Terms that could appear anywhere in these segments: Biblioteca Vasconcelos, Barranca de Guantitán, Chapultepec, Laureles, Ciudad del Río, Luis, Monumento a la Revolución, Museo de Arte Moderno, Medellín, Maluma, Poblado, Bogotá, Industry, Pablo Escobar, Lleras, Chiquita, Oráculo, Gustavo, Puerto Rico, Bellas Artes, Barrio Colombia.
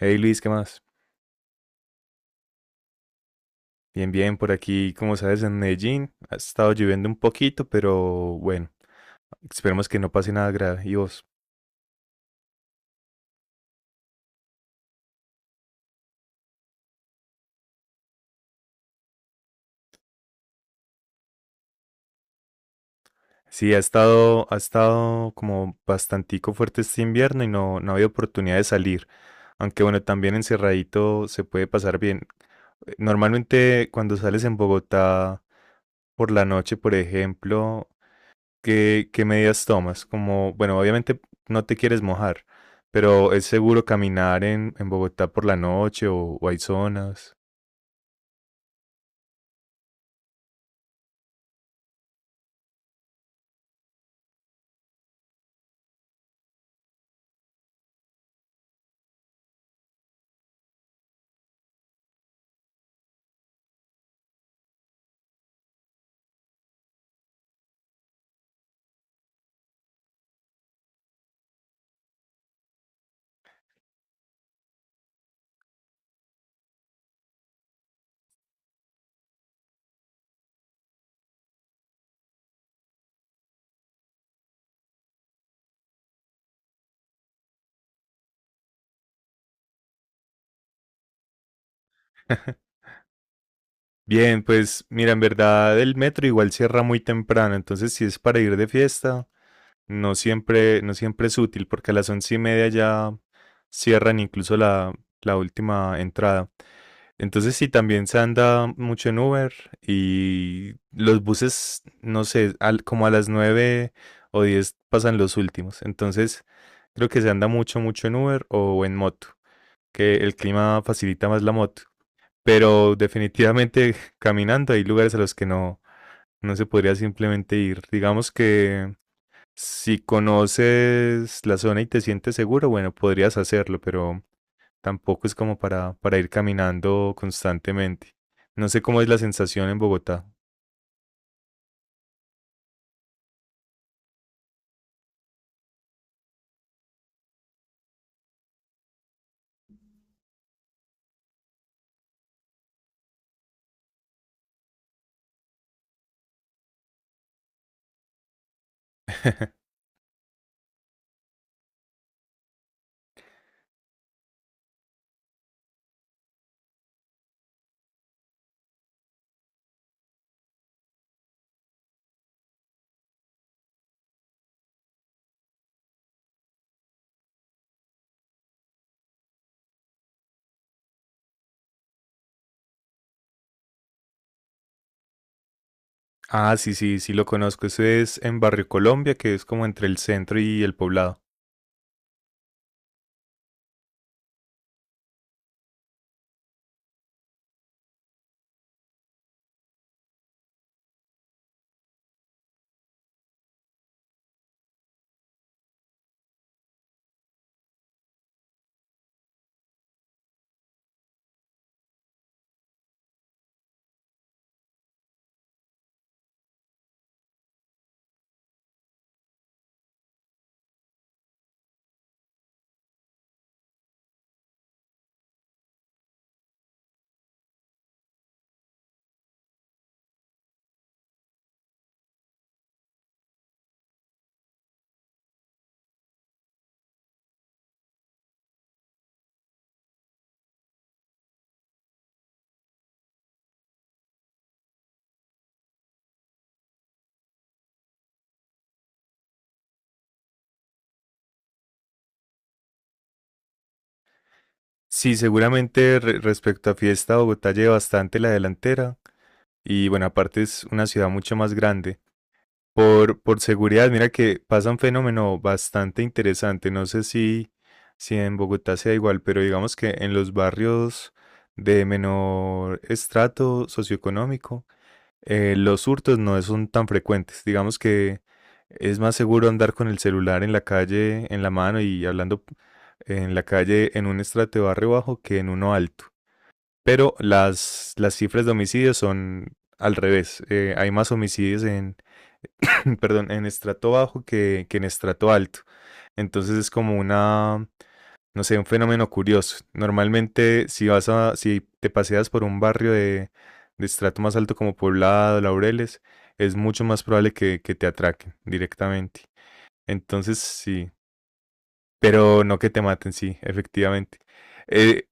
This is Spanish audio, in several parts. Hey Luis, ¿qué más? Bien, bien, por aquí, como sabes, en Medellín ha estado lloviendo un poquito, pero bueno, esperemos que no pase nada grave. ¿Y vos? Sí, ha estado como bastantico fuerte este invierno y no, no había oportunidad de salir. Aunque bueno, también encerradito se puede pasar bien. Normalmente cuando sales en Bogotá por la noche, por ejemplo, ¿qué medidas tomas? Como, bueno, obviamente no te quieres mojar, pero ¿es seguro caminar en Bogotá por la noche o hay zonas? Bien, pues mira, en verdad el metro igual cierra muy temprano, entonces si es para ir de fiesta, no siempre, no siempre es útil porque a las once y media ya cierran incluso la, la última entrada. Entonces sí, también se anda mucho en Uber y los buses, no sé, como a las 9 o 10 pasan los últimos. Entonces creo que se anda mucho, mucho en Uber o en moto, que el clima facilita más la moto. Pero definitivamente caminando hay lugares a los que no, no se podría simplemente ir. Digamos que si conoces la zona y te sientes seguro, bueno, podrías hacerlo, pero tampoco es como para ir caminando constantemente. No sé cómo es la sensación en Bogotá. Ah, sí, sí, sí lo conozco. Eso es en Barrio Colombia, que es como entre el centro y el poblado. Sí, seguramente respecto a fiesta, Bogotá lleva bastante la delantera. Y bueno, aparte es una ciudad mucho más grande. Por seguridad, mira que pasa un fenómeno bastante interesante. No sé si, si en Bogotá sea igual, pero digamos que en los barrios de menor estrato socioeconómico, los hurtos no son tan frecuentes. Digamos que es más seguro andar con el celular en la calle, en la mano y hablando en la calle en un estrato de barrio bajo que en uno alto. Pero las cifras de homicidios son al revés. Hay más homicidios en perdón, en estrato bajo que en estrato alto. Entonces es como una, no sé, un fenómeno curioso. Normalmente si vas a, si te paseas por un barrio de estrato más alto como Poblado, Laureles, es mucho más probable que te atraquen directamente. Entonces sí, pero no que te maten, sí, efectivamente. Eh,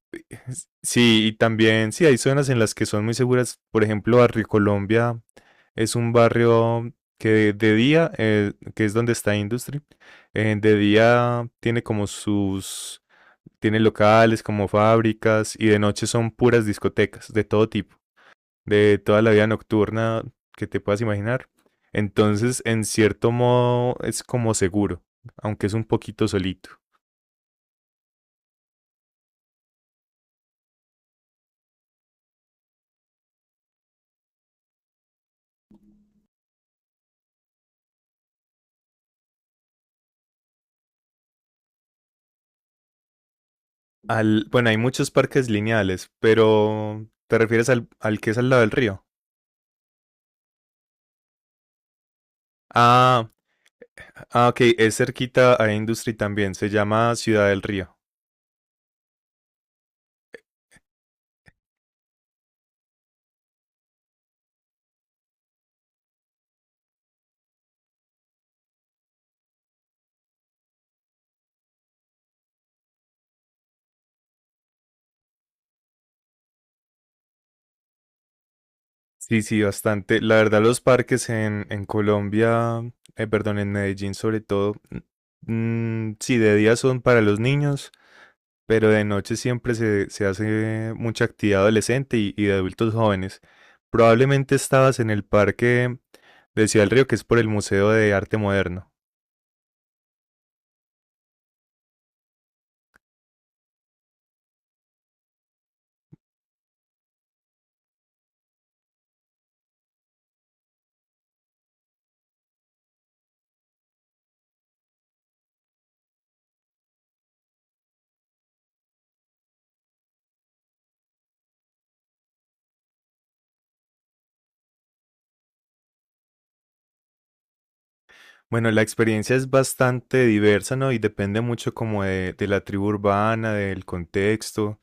sí, y también, sí, hay zonas en las que son muy seguras. Por ejemplo, Barrio Colombia es un barrio que de día, que es donde está Industry, de día tiene como sus, tiene locales como fábricas y de noche son puras discotecas de todo tipo, de toda la vida nocturna que te puedas imaginar. Entonces, en cierto modo, es como seguro, aunque es un poquito solito. Al, bueno, hay muchos parques lineales, pero ¿te refieres al, al que es al lado del río? Ah, ah, ok, es cerquita a Industry también, se llama Ciudad del Río. Sí, sí, bastante. La verdad, los parques en Colombia, perdón, en Medellín sobre todo, mm, sí, de día son para los niños, pero de noche siempre se, se hace mucha actividad adolescente y de adultos jóvenes. Probablemente estabas en el parque de Ciudad del Río, que es por el Museo de Arte Moderno. Bueno, la experiencia es bastante diversa, ¿no? Y depende mucho como de la tribu urbana, del contexto,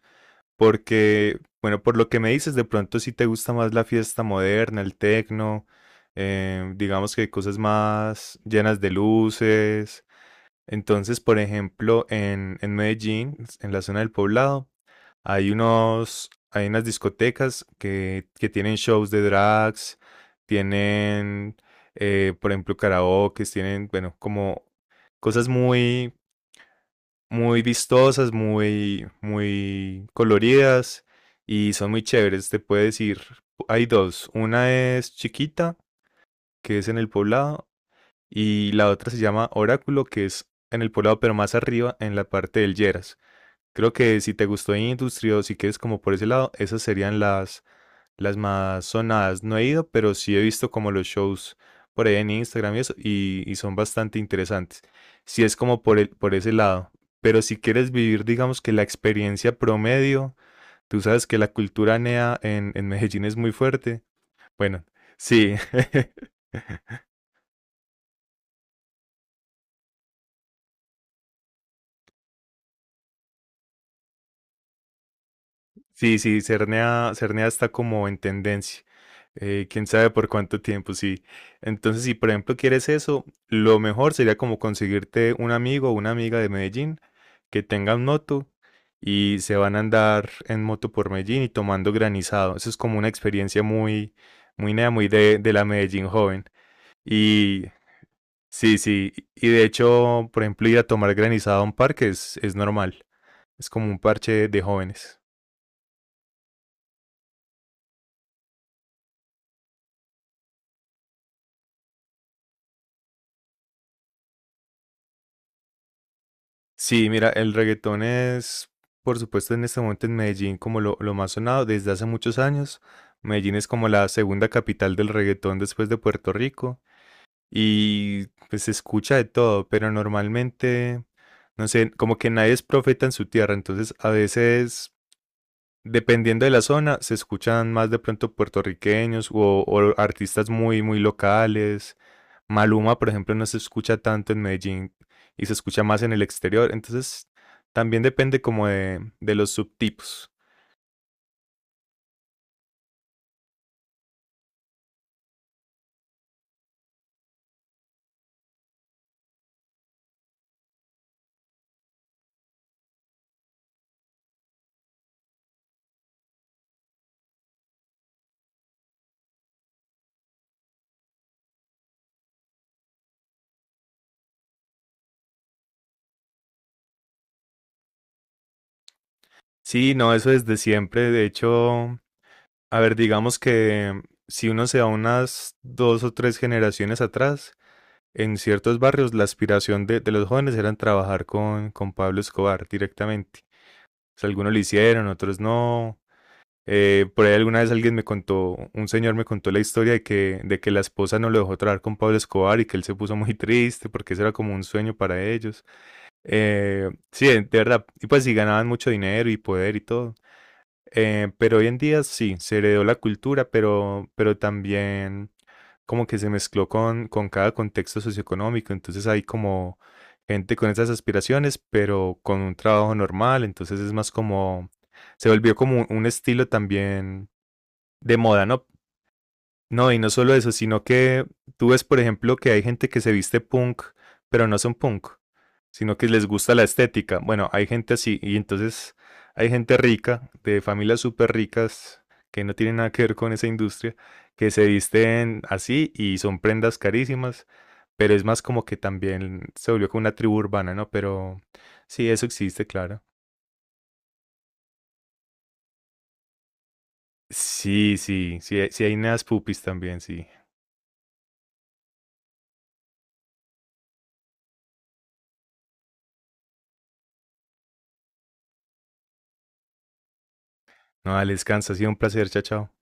porque, bueno, por lo que me dices, de pronto sí te gusta más la fiesta moderna, el tecno, digamos que cosas más llenas de luces. Entonces, por ejemplo, en Medellín, en la zona del Poblado, hay unos, hay unas discotecas que tienen shows de drags, tienen, por ejemplo, karaoke, tienen, bueno, como cosas muy, muy vistosas, muy, muy coloridas y son muy chéveres. Te puedes ir. Hay dos. Una es Chiquita, que es en el poblado, y la otra se llama Oráculo, que es en el poblado, pero más arriba, en la parte del Lleras. Creo que si te gustó Industry o si quieres como por ese lado, esas serían las más sonadas. No he ido, pero sí he visto como los shows por ahí en Instagram y eso, y son bastante interesantes. Si es como por el, por ese lado. Pero si quieres vivir, digamos que la experiencia promedio, tú sabes que la cultura NEA en Medellín es muy fuerte. Bueno, sí, sí, sí, Cernea, Cernea está como en tendencia. Quién sabe por cuánto tiempo, sí. Entonces, si por ejemplo quieres eso, lo mejor sería como conseguirte un amigo o una amiga de Medellín que tengan moto y se van a andar en moto por Medellín y tomando granizado. Eso es como una experiencia muy, muy nea, muy de la Medellín joven. Y sí, sí. Y de hecho, por ejemplo, ir a tomar granizado a un parque es normal. Es como un parche de jóvenes. Sí, mira, el reggaetón es, por supuesto, en este momento en Medellín como lo más sonado desde hace muchos años. Medellín es como la segunda capital del reggaetón después de Puerto Rico y pues se escucha de todo, pero normalmente, no sé, como que nadie es profeta en su tierra, entonces a veces dependiendo de la zona, se escuchan más de pronto puertorriqueños o artistas muy, muy locales. Maluma, por ejemplo, no se escucha tanto en Medellín y se escucha más en el exterior. Entonces, también depende como de los subtipos. Sí, no, eso desde siempre. De hecho, a ver, digamos que si uno se va unas dos o tres generaciones atrás, en ciertos barrios la aspiración de los jóvenes era trabajar con Pablo Escobar directamente. O sea, algunos lo hicieron, otros no. Por ahí alguna vez alguien me contó, un señor me contó la historia de que la esposa no lo dejó trabajar con Pablo Escobar y que él se puso muy triste porque eso era como un sueño para ellos. Sí, de verdad, y pues sí ganaban mucho dinero y poder y todo. Pero hoy en día sí, se heredó la cultura, pero también como que se mezcló con cada contexto socioeconómico. Entonces hay como gente con esas aspiraciones, pero con un trabajo normal. Entonces es más como, se volvió como un estilo también de moda, ¿no? No, y no solo eso, sino que tú ves, por ejemplo, que hay gente que se viste punk, pero no son punk, sino que les gusta la estética. Bueno, hay gente así, y entonces hay gente rica, de familias súper ricas, que no tienen nada que ver con esa industria, que se visten así y son prendas carísimas, pero es más como que también se volvió como una tribu urbana, ¿no? Pero sí, eso existe, claro. Sí, sí, sí, sí hay neas pupis también, sí. No, dale, descansa, ha sido un placer, chao, chao.